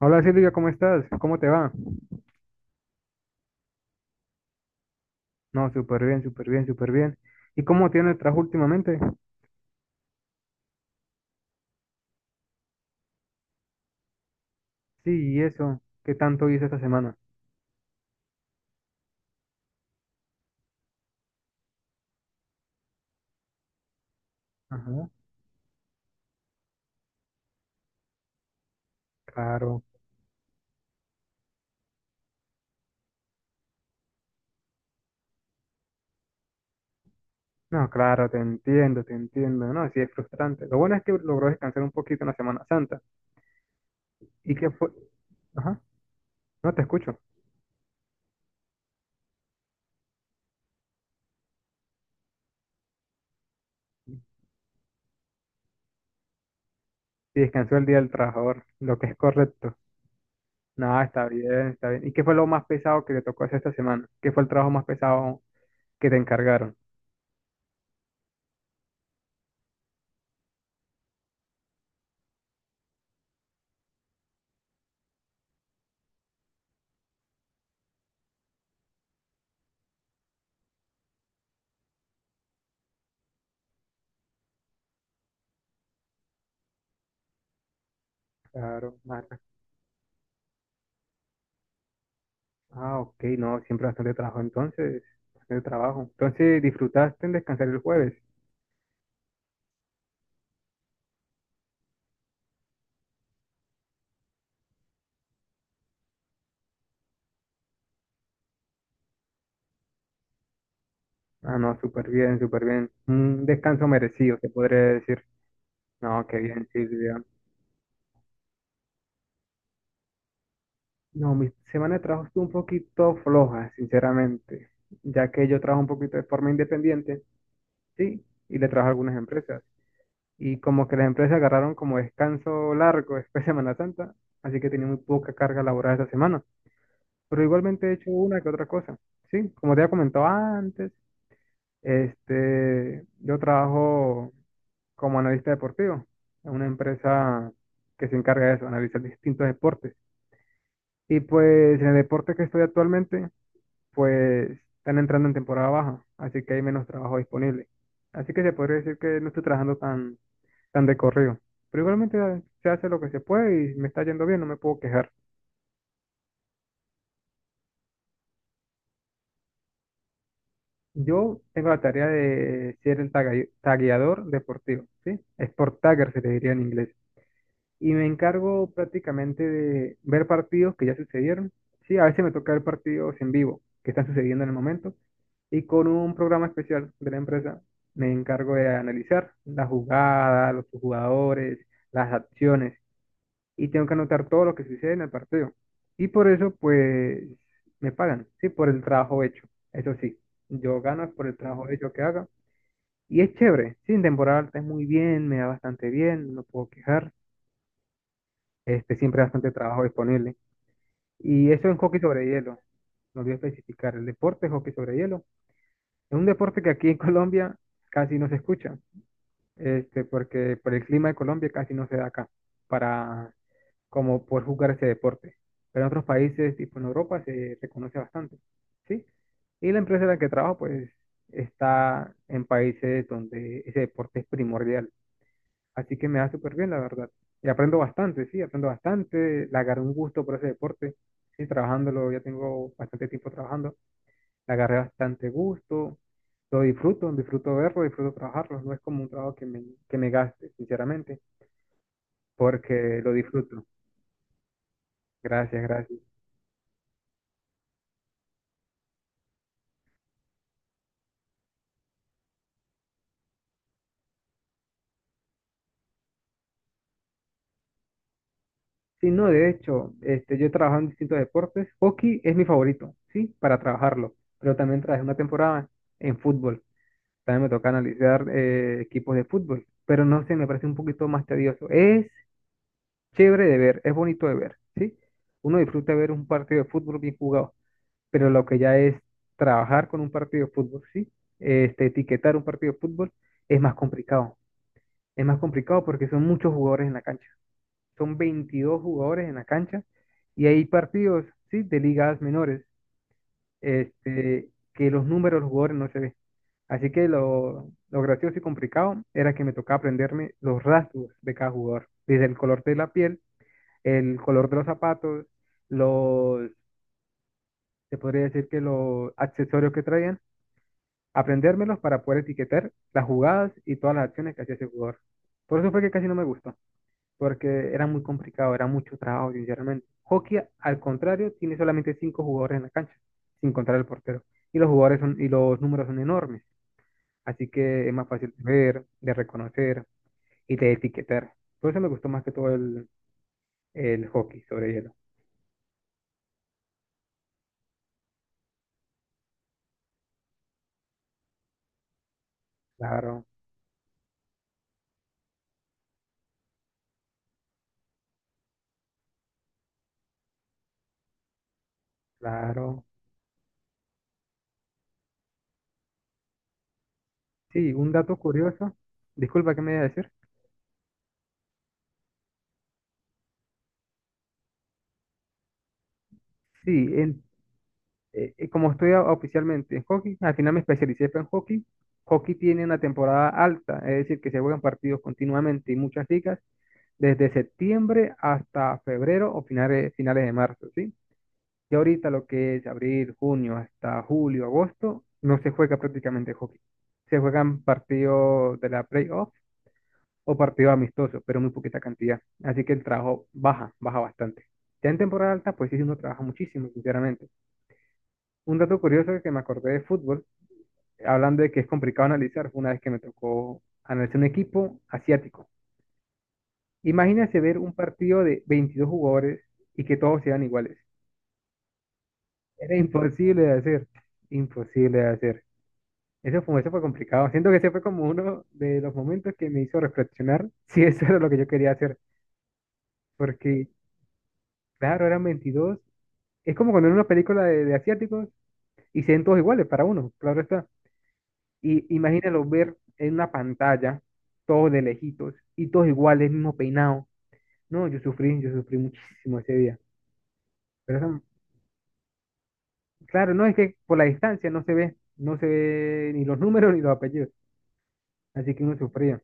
Hola Silvia, ¿cómo estás? ¿Cómo te va? No, súper bien, súper bien, súper bien. ¿Y cómo tiene el trabajo últimamente? Sí, y eso, ¿qué tanto hice esta semana? Ajá, claro. No, claro, te entiendo, te entiendo. No, sí es frustrante. Lo bueno es que logró descansar un poquito en la Semana Santa. ¿Y qué fue? Ajá, no te escucho. Sí, descansó el Día del Trabajador, lo que es correcto. No, está bien, está bien. ¿Y qué fue lo más pesado que te tocó hacer esta semana? ¿Qué fue el trabajo más pesado que te encargaron? Claro. Ah, ok, no, siempre bastante trabajo. Entonces, ¿disfrutaste en descansar el jueves? Ah, no, súper bien, súper bien. Un descanso merecido, se podría decir. No, qué bien, sí, sí, ya. No, mi semana de trabajo estuvo un poquito floja, sinceramente, ya que yo trabajo un poquito de forma independiente, sí, y le trabajo a algunas empresas. Y como que las empresas agarraron como descanso largo después de Semana Santa, así que tenía muy poca carga laboral esta semana. Pero igualmente he hecho una que otra cosa. Sí, como te había comentado antes, yo trabajo como analista deportivo en una empresa que se encarga de eso, analizar distintos deportes. Y pues en el deporte que estoy actualmente, pues están entrando en temporada baja, así que hay menos trabajo disponible. Así que se podría decir que no estoy trabajando tan de corrido. Pero igualmente se hace lo que se puede y me está yendo bien, no me puedo quejar. Yo tengo la tarea de ser el tagueador deportivo, ¿sí? Sport tagger se le diría en inglés. Y me encargo prácticamente de ver partidos que ya sucedieron. Sí, a veces me toca ver partidos en vivo que están sucediendo en el momento y con un programa especial de la empresa me encargo de analizar la jugada, los jugadores, las acciones y tengo que anotar todo lo que sucede en el partido. Y por eso, pues, me pagan, sí, por el trabajo hecho. Eso sí, yo gano por el trabajo hecho que haga. Y es chévere, sí, en temporada alta es muy bien, me da bastante bien, no puedo quejar siempre hay bastante trabajo disponible. Y eso en hockey sobre hielo, no olvidé especificar, el deporte es hockey sobre hielo. Es un deporte que aquí en Colombia casi no se escucha, porque por el clima de Colombia casi no se da acá para como poder jugar ese deporte. Pero en otros países, tipo en Europa, se reconoce bastante, ¿sí? Y la empresa en la que trabajo, pues, está en países donde ese deporte es primordial. Así que me da súper bien, la verdad. Y aprendo bastante, sí, aprendo bastante. Le agarré un gusto por ese deporte. Sí, trabajándolo, ya tengo bastante tiempo trabajando. Le agarré bastante gusto. Lo disfruto, disfruto verlo, disfruto trabajarlo. No es como un trabajo que me gaste, sinceramente, porque lo disfruto. Gracias, gracias. Sí, no, de hecho, yo he trabajado en distintos deportes. Hockey es mi favorito, sí, para trabajarlo. Pero también trabajé una temporada en fútbol. También me toca analizar equipos de fútbol, pero no sé, me parece un poquito más tedioso. Es chévere de ver, es bonito de ver, ¿sí? Uno disfruta ver un partido de fútbol bien jugado, pero lo que ya es trabajar con un partido de fútbol, ¿sí? Etiquetar un partido de fútbol es más complicado. Es más complicado porque son muchos jugadores en la cancha. Son 22 jugadores en la cancha y hay partidos, ¿sí? De ligas menores, que los números de los jugadores no se ven. Así que lo gracioso y complicado era que me tocaba aprenderme los rasgos de cada jugador, desde el color de la piel, el color de los zapatos, los, se podría decir que los accesorios que traían, aprendérmelos para poder etiquetar las jugadas y todas las acciones que hacía ese jugador. Por eso fue que casi no me gustó, porque era muy complicado, era mucho trabajo, sinceramente. Hockey, al contrario, tiene solamente cinco jugadores en la cancha, sin contar el portero. Y los jugadores son, y los números son enormes. Así que es más fácil de ver, de reconocer y de etiquetar. Por eso me gustó más que todo el hockey sobre hielo. Claro, claro. Sí, un dato curioso. Disculpa, ¿qué me iba a decir? Sí, como estoy oficialmente en hockey, al final me especialicé fue en hockey. Hockey tiene una temporada alta, es decir, que se juegan partidos continuamente y muchas ligas desde septiembre hasta febrero o finales de marzo, ¿sí? Y ahorita lo que es abril, junio, hasta julio, agosto, no se juega prácticamente hockey. Se juegan partidos de la playoff o partidos amistosos, pero muy poquita cantidad. Así que el trabajo baja bastante. Ya en temporada alta, pues sí, uno trabaja muchísimo, sinceramente. Un dato curioso que me acordé de fútbol, hablando de que es complicado analizar, fue una vez que me tocó analizar un equipo asiático. Imagínese ver un partido de 22 jugadores y que todos sean iguales. Era imposible de hacer, imposible de hacer. Ese fue complicado. Siento que ese fue como uno de los momentos que me hizo reflexionar si eso era lo que yo quería hacer. Porque, claro, eran 22. Es como cuando en una película de asiáticos y se ven todos iguales para uno, claro está. Y imagínalo ver en una pantalla, todos de lejitos y todos iguales, mismo peinado. No, yo sufrí muchísimo ese día. Pero claro, no es que por la distancia no se ve, ni los números ni los apellidos. Así que uno sufría.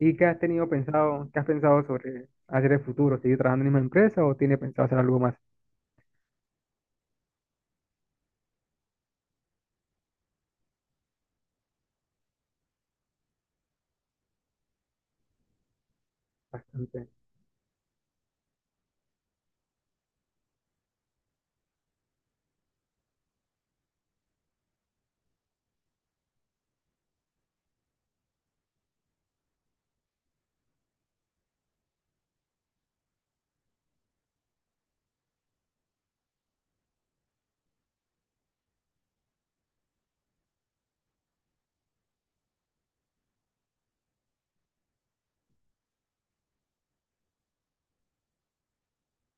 ¿Y qué has pensado sobre hacer el futuro? ¿Seguir trabajando en la misma empresa o tiene pensado hacer algo más? Bastante.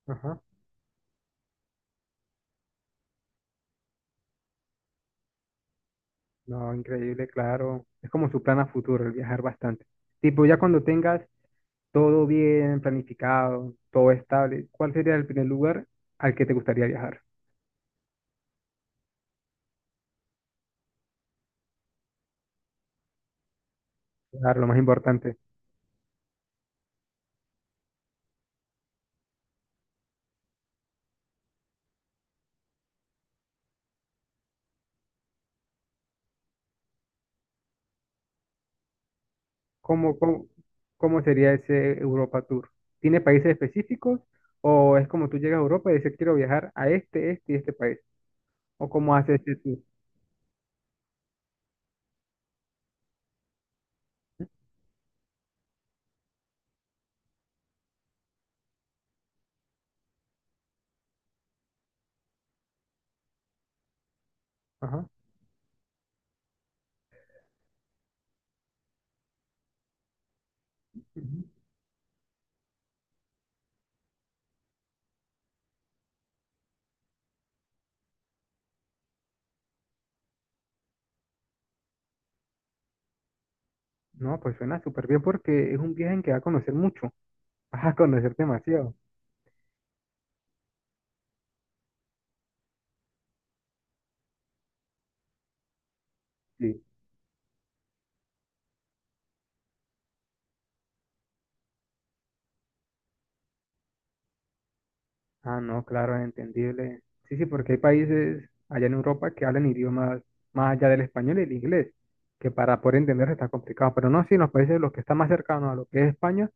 Ajá. No, increíble, claro. Es como su plan a futuro, el viajar bastante. Tipo, ya cuando tengas todo bien planificado, todo estable, ¿cuál sería el primer lugar al que te gustaría viajar? Claro, lo más importante. ¿Cómo, cómo, cómo sería ese Europa Tour? ¿Tiene países específicos o es como tú llegas a Europa y dices quiero viajar a este, este y este país? ¿O cómo haces ese tour? Ajá. Ujú. No, pues suena súper bien porque es un viaje en que va a conocer mucho, vas a conocer demasiado. Sí, ah, no, claro, entendible. Sí, sí, porque hay países allá en Europa que hablan idiomas más allá del español y el inglés, que para poder entenderse está complicado, pero no, sí, en los países de los que están más cercanos a lo que es España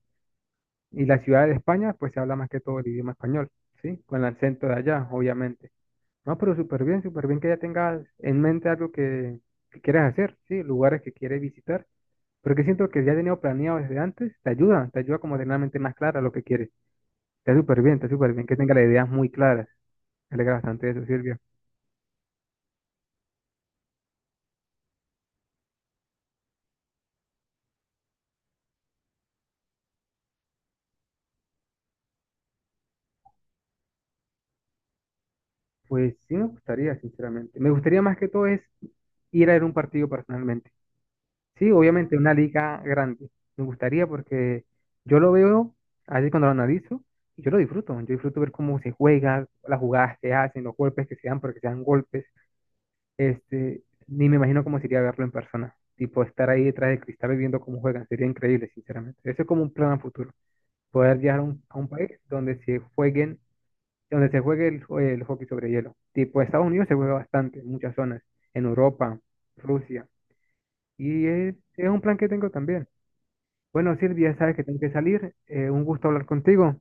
y la ciudad de España, pues se habla más que todo el idioma español, ¿sí? Con el acento de allá, obviamente. No, pero súper bien que ya tengas en mente algo que quieres hacer, ¿sí? Lugares que quieres visitar. Porque siento que ya tenido planeado desde antes, te ayuda como a tener la mente más clara lo que quieres. Está súper bien, que tenga las ideas muy claras. Me alegra bastante eso, Silvia. Pues sí me gustaría, sinceramente. Me gustaría más que todo es ir a ver un partido personalmente. Sí, obviamente una liga grande. Me gustaría porque yo lo veo, así cuando lo analizo, y yo lo disfruto. Yo disfruto ver cómo se juega, las jugadas que hacen, los golpes que se dan, porque se dan golpes. Este, Ni me imagino cómo sería verlo en persona. Tipo, estar ahí detrás del cristal y viendo cómo juegan. Sería increíble, sinceramente. Eso es como un plan a futuro. Poder llegar a un país donde se jueguen, donde se juegue el hockey sobre hielo. Tipo, Estados Unidos se juega bastante, en muchas zonas. En Europa, Rusia. Y es un plan que tengo también. Bueno, Silvia, sabes que tengo que salir. Un gusto hablar contigo.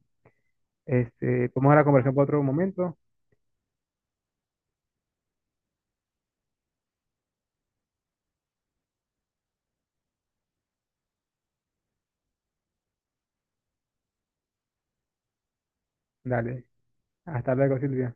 Podemos ahora conversar por otro momento. Dale. Hasta luego, Silvia.